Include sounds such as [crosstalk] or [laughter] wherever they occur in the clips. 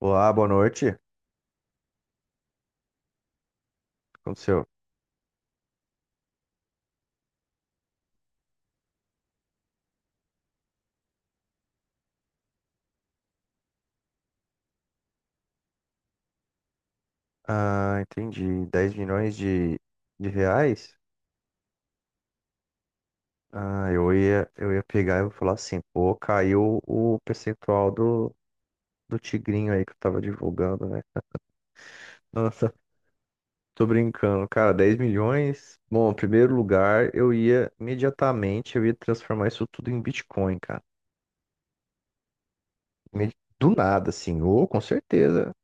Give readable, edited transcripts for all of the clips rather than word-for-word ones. Olá, boa noite. O que aconteceu? Ah, entendi. 10 milhões de reais? Ah, eu ia pegar e vou falar assim, pô, caiu o percentual do tigrinho aí que eu tava divulgando, né? Nossa, tô brincando. Cara, dez milhões? Bom, em primeiro lugar, eu ia imediatamente, eu ia transformar isso tudo em Bitcoin, cara. Me- Do nada, assim, ou com certeza.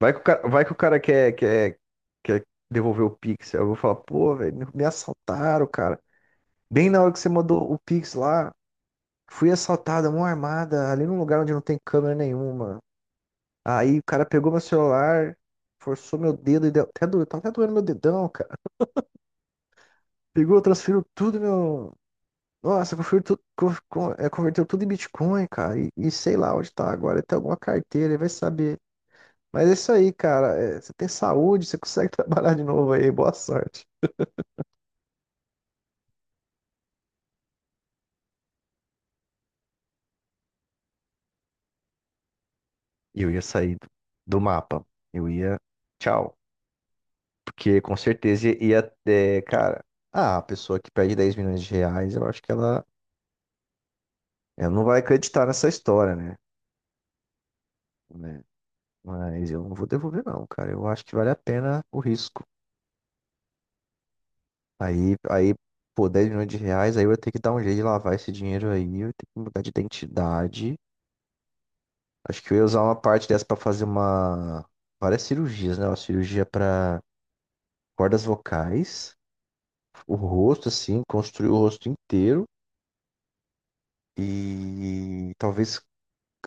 Vai que o cara, vai que o cara quer devolver o Pix. Aí eu vou falar, pô, velho, me assaltaram, cara. Bem na hora que você mandou o Pix lá, fui assaltada, mão armada, ali num lugar onde não tem câmera nenhuma. Aí o cara pegou meu celular, forçou meu dedo e deu. Até doeu, tá até doendo meu dedão, cara. Pegou, transferiu tudo meu. Nossa, converteu, tudo, converteu tudo em Bitcoin, cara. E sei lá onde tá agora. Ele tem alguma carteira, ele vai saber. Mas é isso aí, cara. É, você tem saúde, você consegue [laughs] trabalhar de novo aí. Boa sorte. E eu ia sair do mapa. Eu ia. Tchau. Porque com certeza ia ter, cara, ah, a pessoa que perde 10 milhões de reais, eu acho que ela não vai acreditar nessa história, né? Né? Mas eu não vou devolver não, cara. Eu acho que vale a pena o risco. Aí, aí, pô, 10 milhões de reais, aí eu ia ter que dar um jeito de lavar esse dinheiro aí, eu ia ter que mudar de identidade. Acho que eu ia usar uma parte dessa pra fazer uma várias cirurgias, né? Uma cirurgia pra cordas vocais, o rosto assim, construir o rosto inteiro. E talvez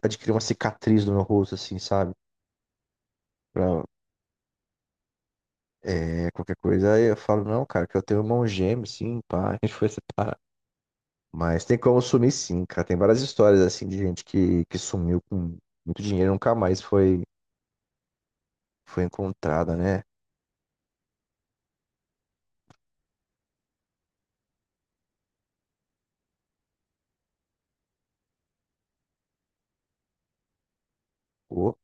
adquirir uma cicatriz no meu rosto, assim, sabe? Pra é, qualquer coisa. Aí eu falo, não, cara, que eu tenho um irmão gêmeo, sim, pá, [laughs] a gente foi separar. Mas tem como sumir, sim, cara. Tem várias histórias, assim, de gente que sumiu com muito dinheiro e nunca mais foi encontrada, né? Pô,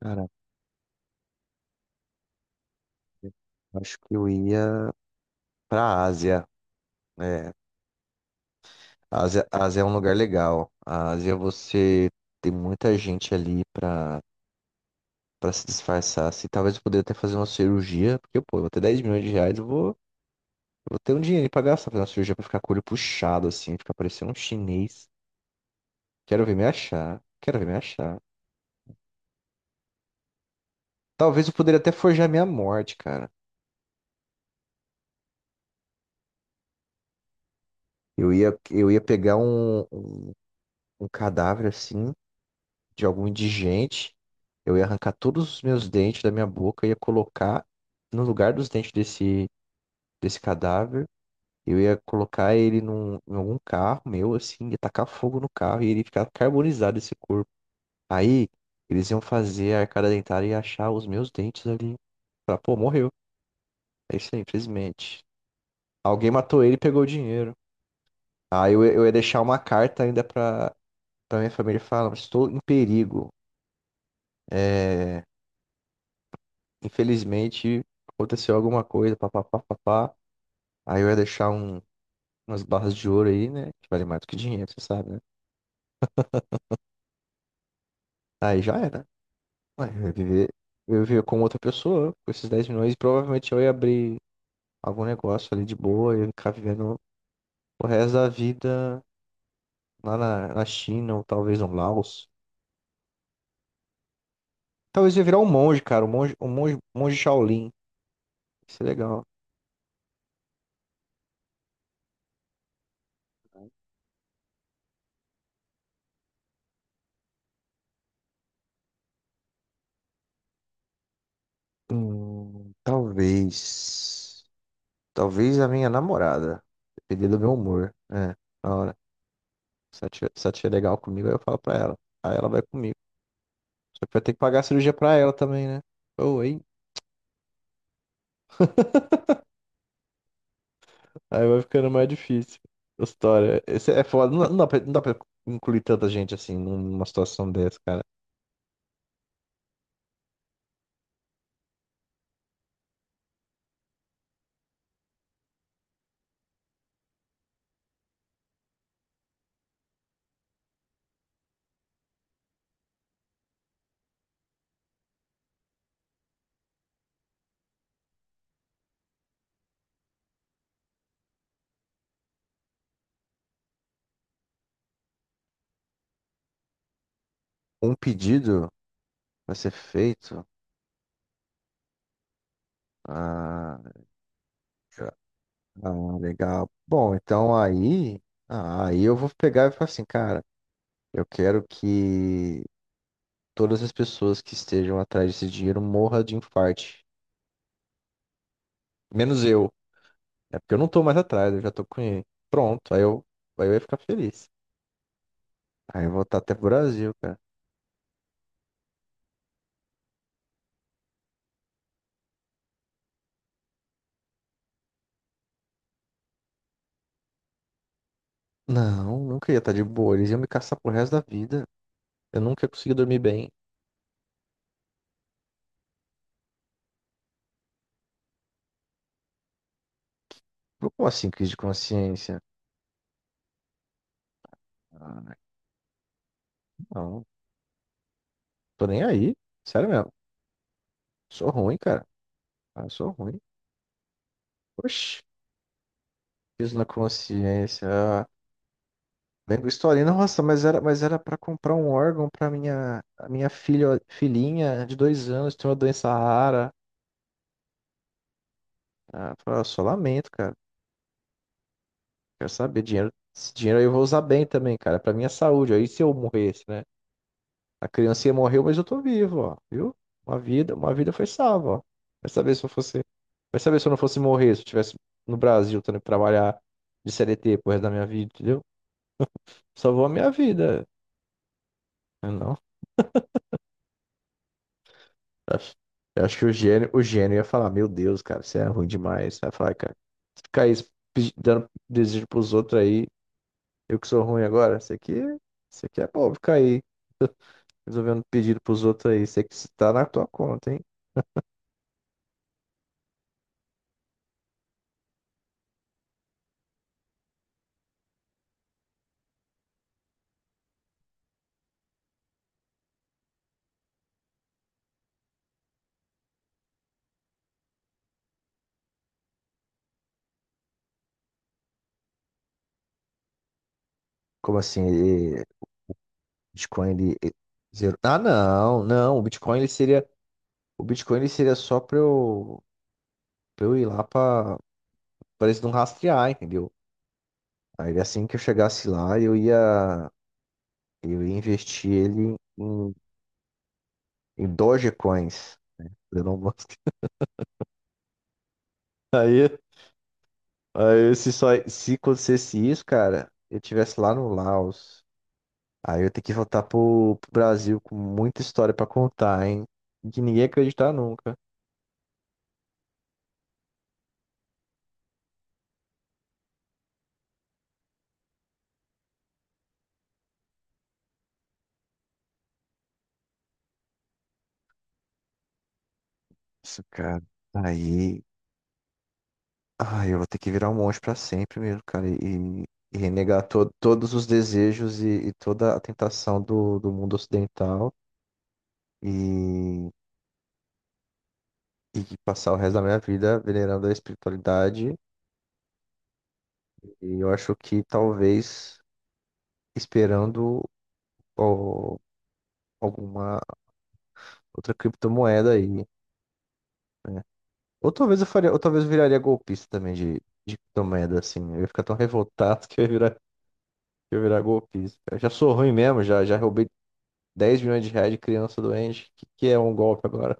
cara, eu acho que eu ia pra Ásia, né? A Ásia é um lugar legal. A Ásia, você tem muita gente ali pra se disfarçar. Assim, talvez eu poderia até fazer uma cirurgia, porque, pô, eu vou ter 10 milhões de reais, eu vou ter um dinheiro pra gastar, fazer uma cirurgia pra ficar com o olho puxado, assim, ficar parecendo um chinês. Quero ver me achar. Quero ver me achar. Talvez eu poderia até forjar minha morte, cara. Eu ia pegar um cadáver, assim, de algum indigente. Eu ia arrancar todos os meus dentes da minha boca, ia colocar no lugar dos dentes desse cadáver. Eu ia colocar ele num, em algum carro meu, assim, ia tacar fogo no carro e ele ficar carbonizado esse corpo. Aí eles iam fazer a arcada dentária e achar os meus dentes ali. Falar, pô, morreu. É isso aí, infelizmente. Alguém matou ele e pegou o dinheiro. Eu ia deixar uma carta ainda pra minha família falar, estou em perigo. É, infelizmente aconteceu alguma coisa, papapá, papá. Aí eu ia deixar umas barras de ouro aí, né? Que vale mais do que dinheiro, você sabe, né? Aí já era. Ué, eu ia viver como outra pessoa, com esses 10 milhões, e provavelmente eu ia abrir algum negócio ali de boa, eu ia ficar vivendo. O resto da vida lá na China, ou talvez no Laos. Talvez eu ia virar um monge, cara. Um monge Shaolin. Isso é legal. Talvez. Talvez a minha namorada. Depender do meu humor. É, na hora. Se ela tiver legal comigo, aí eu falo pra ela. Aí ela vai comigo. Só que vai ter que pagar a cirurgia pra ela também, né? Ou, hein? [laughs] Aí vai ficando mais difícil a história. Esse é foda. Não, não dá pra incluir tanta gente assim numa situação dessa, cara. Um pedido. Vai ser feito? Ah, Ah, legal. Bom, então aí, aí eu vou pegar e falar assim, cara, eu quero que todas as pessoas que estejam atrás desse dinheiro morram de infarte. Menos eu. É porque eu não tô mais atrás, eu já tô com ele. Pronto, aí eu ia ficar feliz. Aí eu vou estar até pro Brasil, cara. Não, nunca ia estar de boa. Eles iam me caçar pro resto da vida. Eu nunca ia conseguir dormir bem. Como assim, crise de consciência? Ah, não, tô nem aí. Sério mesmo. Sou ruim, cara. Ah, eu sou ruim. Oxi, fiz na consciência. Ah, lembro historinha, nossa, mas era para comprar um órgão para a minha filha, filhinha de dois anos, tem uma doença rara. Ah, eu falei, "Ah, só lamento, cara. Quero saber, dinheiro, esse dinheiro aí eu vou usar bem também, cara, para minha saúde. Aí se eu morresse, né? A criancinha morreu, mas eu tô vivo, ó, viu? Uma vida foi salva, ó. Vai saber se eu fosse, vai saber se eu não fosse morrer, se eu estivesse no Brasil, tendo que trabalhar de CLT pro resto da minha vida, entendeu? Salvou a minha vida. Ah, não. Eu acho, eu acho que o gênio ia falar, meu Deus, cara, você é ruim demais. Vai falar, cara, se ficar aí dando desejo pros outros aí, eu que sou ruim agora, isso aqui é bom, ficar aí resolvendo pedido pros outros aí, isso aqui tá na tua conta, hein? Como assim, ele, Bitcoin, ah, não, não, o Bitcoin, o Bitcoin, ele seria só pra eu ir lá pra eles não rastrear, entendeu? Aí assim que eu chegasse lá, eu ia investir ele em Dogecoins. Elon Musk. [laughs] Aí, se acontecesse isso, cara, eu tivesse lá no Laos. Aí eu ia ter que voltar pro Brasil com muita história pra contar, hein? Que ninguém ia acreditar nunca. Isso, cara. Aí. Ai, eu vou ter que virar um monge pra sempre mesmo, cara. E renegar todos os desejos e toda a tentação do mundo ocidental. E, e passar o resto da minha vida venerando a espiritualidade. E eu acho que talvez esperando ó, alguma outra criptomoeda aí, né? Ou talvez eu viraria golpista também de criptomoeda, assim. Eu ia ficar tão revoltado [laughs] que eu ia virar golpista. Eu já sou ruim mesmo, já roubei 10 milhões de reais de criança doente. Que é um golpe agora?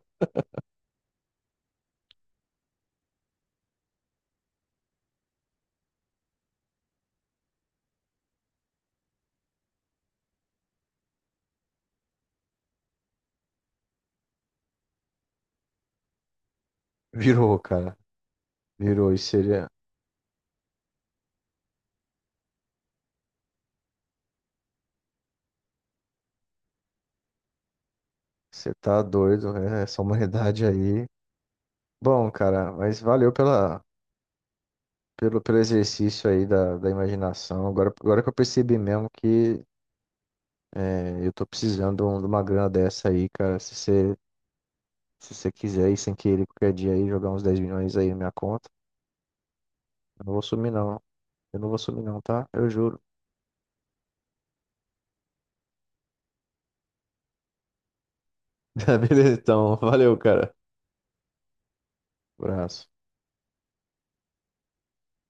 [laughs] Virou, cara. Virou. Isso seria. Você tá doido, né? Essa humanidade aí. Bom, cara, mas valeu pelo exercício aí da imaginação. Agora que eu percebi mesmo que é, eu tô precisando de uma grana dessa aí, cara. Se você quiser aí, sem querer, qualquer dia aí, jogar uns 10 milhões aí na minha conta. Eu não vou sumir, não. Eu não vou sumir, não, tá? Eu juro. [laughs] Beleza, então. Valeu, cara. Abraço.